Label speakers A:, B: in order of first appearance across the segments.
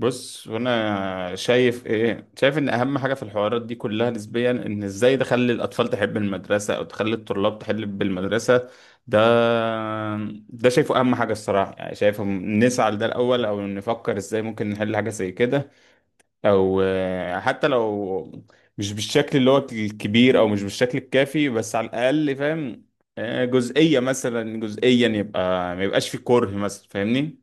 A: بص وانا شايف ان اهم حاجه في الحوارات دي كلها نسبيا ان ازاي تخلي الاطفال تحب المدرسه او تخلي الطلاب تحب المدرسه. ده ده شايفه اهم حاجه الصراحه، يعني شايفه نسعى لده الاول او نفكر ازاي ممكن نحل حاجه زي كده. او حتى لو مش بالشكل اللي هو الكبير او مش بالشكل الكافي، بس على الاقل فاهم جزئيه، مثلا جزئيا، يبقى ما يبقاش في كره مثلا، فاهمني.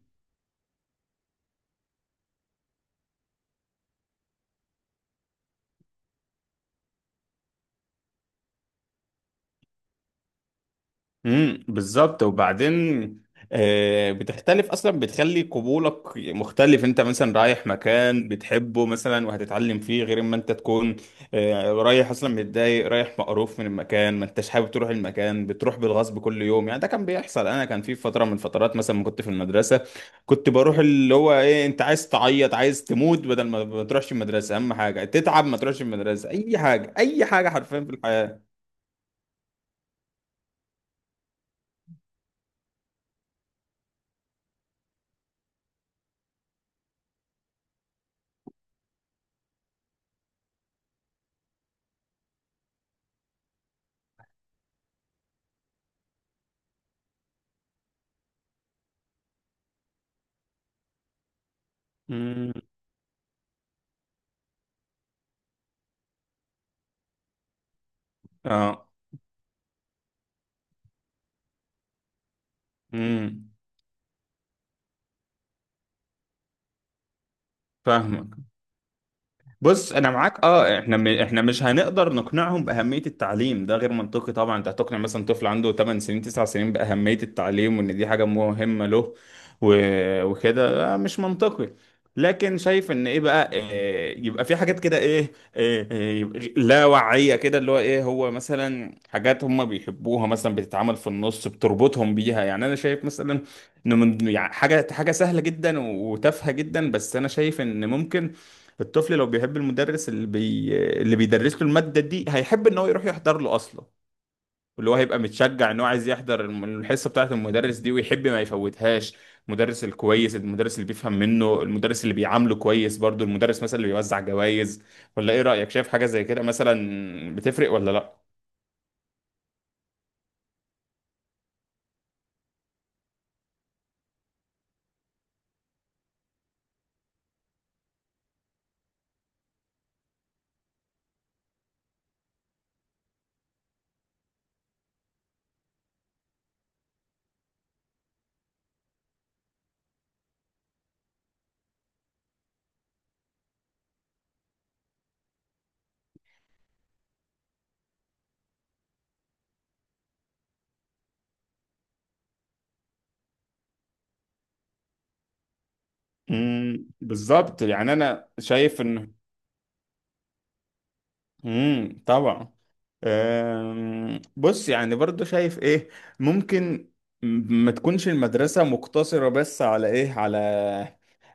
A: امم، بالظبط. وبعدين بتختلف اصلا، بتخلي قبولك مختلف. انت مثلا رايح مكان بتحبه مثلا وهتتعلم فيه، غير ما انت تكون رايح اصلا متضايق، رايح مقروف من المكان، ما انتش حابب تروح المكان، بتروح بالغصب كل يوم. يعني ده كان بيحصل انا، كان في فتره من الفترات مثلا ما كنت في المدرسه كنت بروح اللي هو ايه، انت عايز تعيط، عايز تموت بدل ما تروحش المدرسه، اهم حاجه تتعب ما تروحش المدرسه، اي حاجه، اي حاجه حرفيا في الحياه. امم. اه. امم. فاهمك. بص انا معاك، اه. احنا مش هنقدر نقنعهم باهميه التعليم، ده غير منطقي طبعا. انت هتقنع مثلا طفل عنده 8 سنين، 9 سنين باهميه التعليم وان دي حاجه مهمه له و... وكده؟ مش منطقي. لكن شايف ان ايه بقى، إيه يبقى في حاجات كده إيه لا وعيه كده، اللي هو ايه، هو مثلا حاجات هم بيحبوها مثلا بتتعمل في النص بتربطهم بيها. يعني انا شايف مثلا ان من يعني، حاجه حاجه سهله جدا وتافهه جدا، بس انا شايف ان ممكن الطفل لو بيحب المدرس اللي بيدرس له المادة دي هيحب ان هو يروح يحضر له اصلا، اللي هو هيبقى متشجع ان هو عايز يحضر الحصة بتاعة المدرس دي ويحب ما يفوتهاش. المدرس الكويس، المدرس اللي بيفهم منه، المدرس اللي بيعامله كويس برضو، المدرس مثلا اللي بيوزع جوائز. ولا ايه رأيك؟ شايف حاجة زي كده مثلا بتفرق ولا لا؟ امم، بالظبط. يعني انا شايف ان، امم، طبعا. بص يعني برضو شايف ايه ممكن، ما تكونش المدرسة مقتصرة بس على ايه، على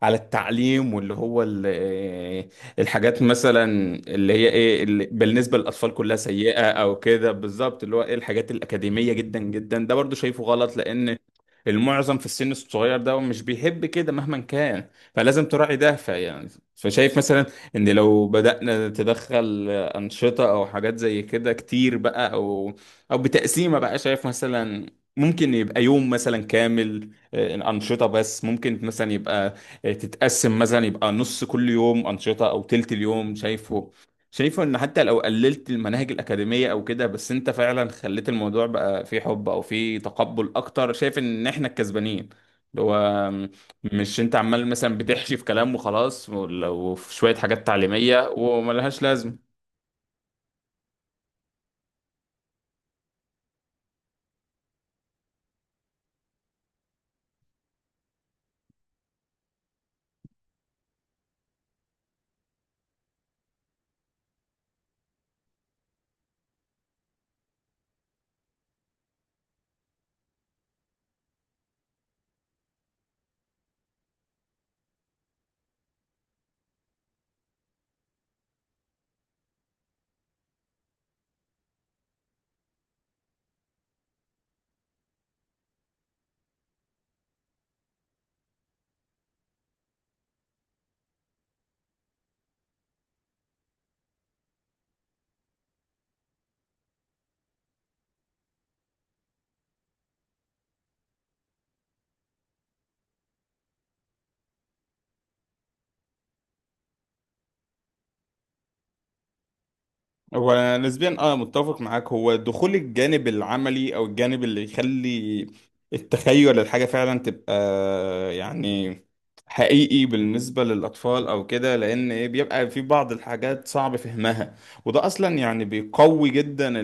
A: على التعليم واللي هو ال- إيه، الحاجات مثلا اللي هي ايه، اللي بالنسبة للأطفال كلها سيئة او كده، بالظبط اللي هو ايه، الحاجات الأكاديمية جدا جدا. ده برضو شايفه غلط، لأن المعظم في السن الصغير ده مش بيحب كده مهما كان، فلازم تراعي ده، فيعني فشايف مثلا ان لو بدأنا تدخل أنشطة أو حاجات زي كده كتير بقى، أو بتقسيمة بقى. شايف مثلا ممكن يبقى يوم مثلا كامل أنشطة بس، ممكن مثلا يبقى تتقسم مثلا، يبقى نص كل يوم أنشطة أو تلت اليوم. شايفه إن حتى لو قللت المناهج الأكاديمية أو كده، بس أنت فعلا خليت الموضوع بقى فيه حب أو فيه تقبل أكتر، شايف إن إحنا الكسبانين. اللي هو مش انت عمال مثلا بتحشي في كلام وخلاص، ولو في شوية حاجات تعليمية وملهاش لازمة. هو أنا نسبيا، اه، متفق معاك. هو دخول الجانب العملي او الجانب اللي يخلي التخيل الحاجة فعلا تبقى يعني حقيقي بالنسبة للأطفال أو كده، لأن إيه، بيبقى في بعض الحاجات صعب فهمها، وده أصلا يعني بيقوي جدا،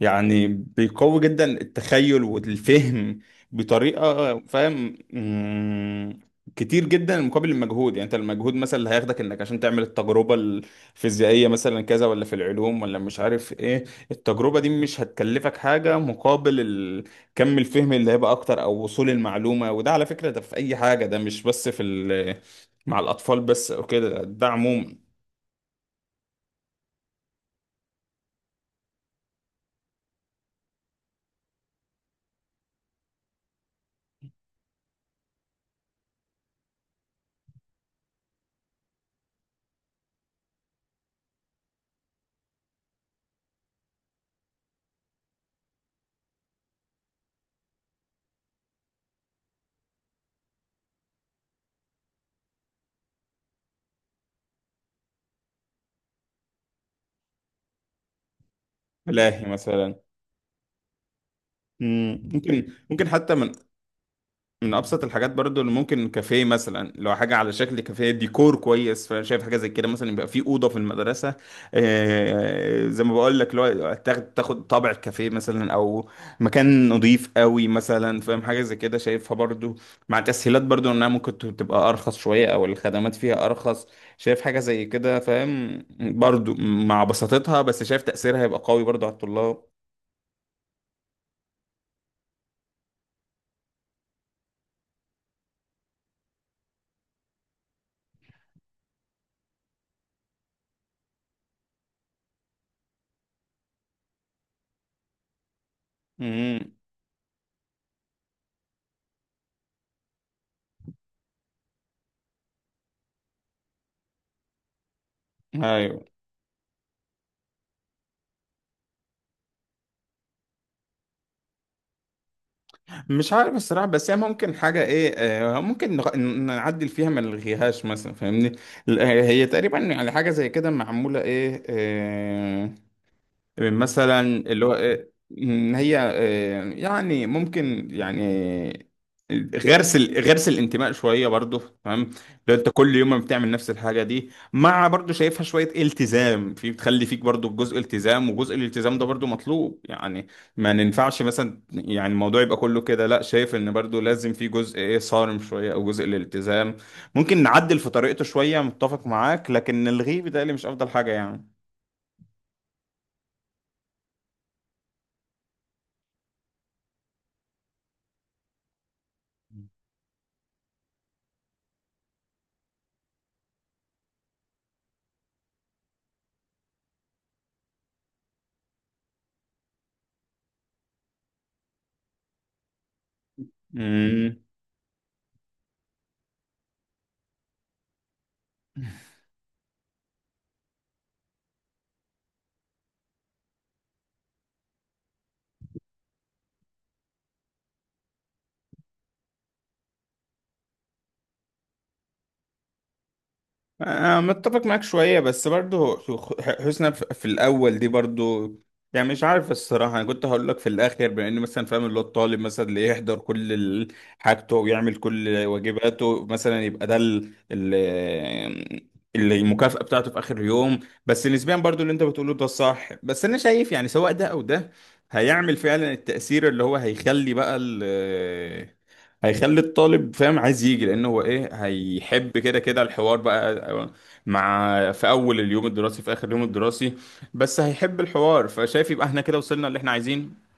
A: يعني بيقوي جدا التخيل والفهم بطريقة، فاهم؟ كتير جدا مقابل المجهود. يعني انت المجهود مثلا اللي هياخدك انك عشان تعمل التجربة الفيزيائية مثلا كذا، ولا في العلوم، ولا مش عارف ايه، التجربة دي مش هتكلفك حاجة مقابل كم الفهم اللي هيبقى اكتر او وصول المعلومة. وده على فكرة، ده في اي حاجة، ده مش بس في مع الاطفال بس او كده، ده عموما. ملاهي مثلا. مم. ممكن حتى من ابسط الحاجات برضو اللي ممكن كافيه مثلا، لو حاجه على شكل كافيه ديكور كويس، فانا شايف حاجه زي كده مثلا، يبقى في اوضه في المدرسه زي ما بقول لك، لو تاخد طابع الكافيه مثلا، او مكان نظيف قوي مثلا، فاهم؟ حاجه زي كده شايفها برضو، مع تسهيلات برضو انها ممكن تبقى ارخص شويه او الخدمات فيها ارخص. شايف حاجه زي كده، فاهم؟ برضو مع بساطتها، بس شايف تاثيرها هيبقى قوي برضو على الطلاب. امم. ايوه. مش عارف الصراحة، بس هي ممكن حاجة ايه، ممكن نعدل فيها ما نلغيهاش مثلا، فاهمني؟ هي تقريبا يعني حاجة زي كده معمولة ايه، مثلا اللي هو إن هي يعني ممكن يعني غرس الانتماء شويه برضو. تمام. لو انت كل يوم ما بتعمل نفس الحاجه دي، مع برضو شايفها شويه التزام، في بتخلي فيك برضو جزء التزام، وجزء الالتزام ده برضو مطلوب يعني. ما ننفعش مثلا يعني الموضوع يبقى كله كده لا، شايف ان برضو لازم في جزء ايه، صارم شويه او جزء الالتزام. ممكن نعدل في طريقته شويه، متفق معاك، لكن الغيه بيتهيألي مش افضل حاجه. يعني أنا متفق معاك شوية، بس برضو حسنا في الأول دي برضو يعني، مش عارف الصراحة. أنا كنت هقول لك في الآخر، بما إن مثلا فاهم، اللي هو الطالب مثلا اللي يحضر كل حاجته ويعمل كل واجباته مثلا، يبقى ده اللي المكافأة بتاعته في آخر يوم. بس نسبيا برضو اللي أنت بتقوله ده صح، بس أنا شايف يعني سواء ده أو ده هيعمل فعلا التأثير اللي هو هيخلي بقى، هيخلي الطالب فاهم عايز يجي، لانه هو ايه، هيحب كده كده الحوار بقى، مع في اول اليوم الدراسي في اخر اليوم الدراسي، بس هيحب الحوار. فشايف يبقى احنا كده وصلنا اللي احنا عايزينه.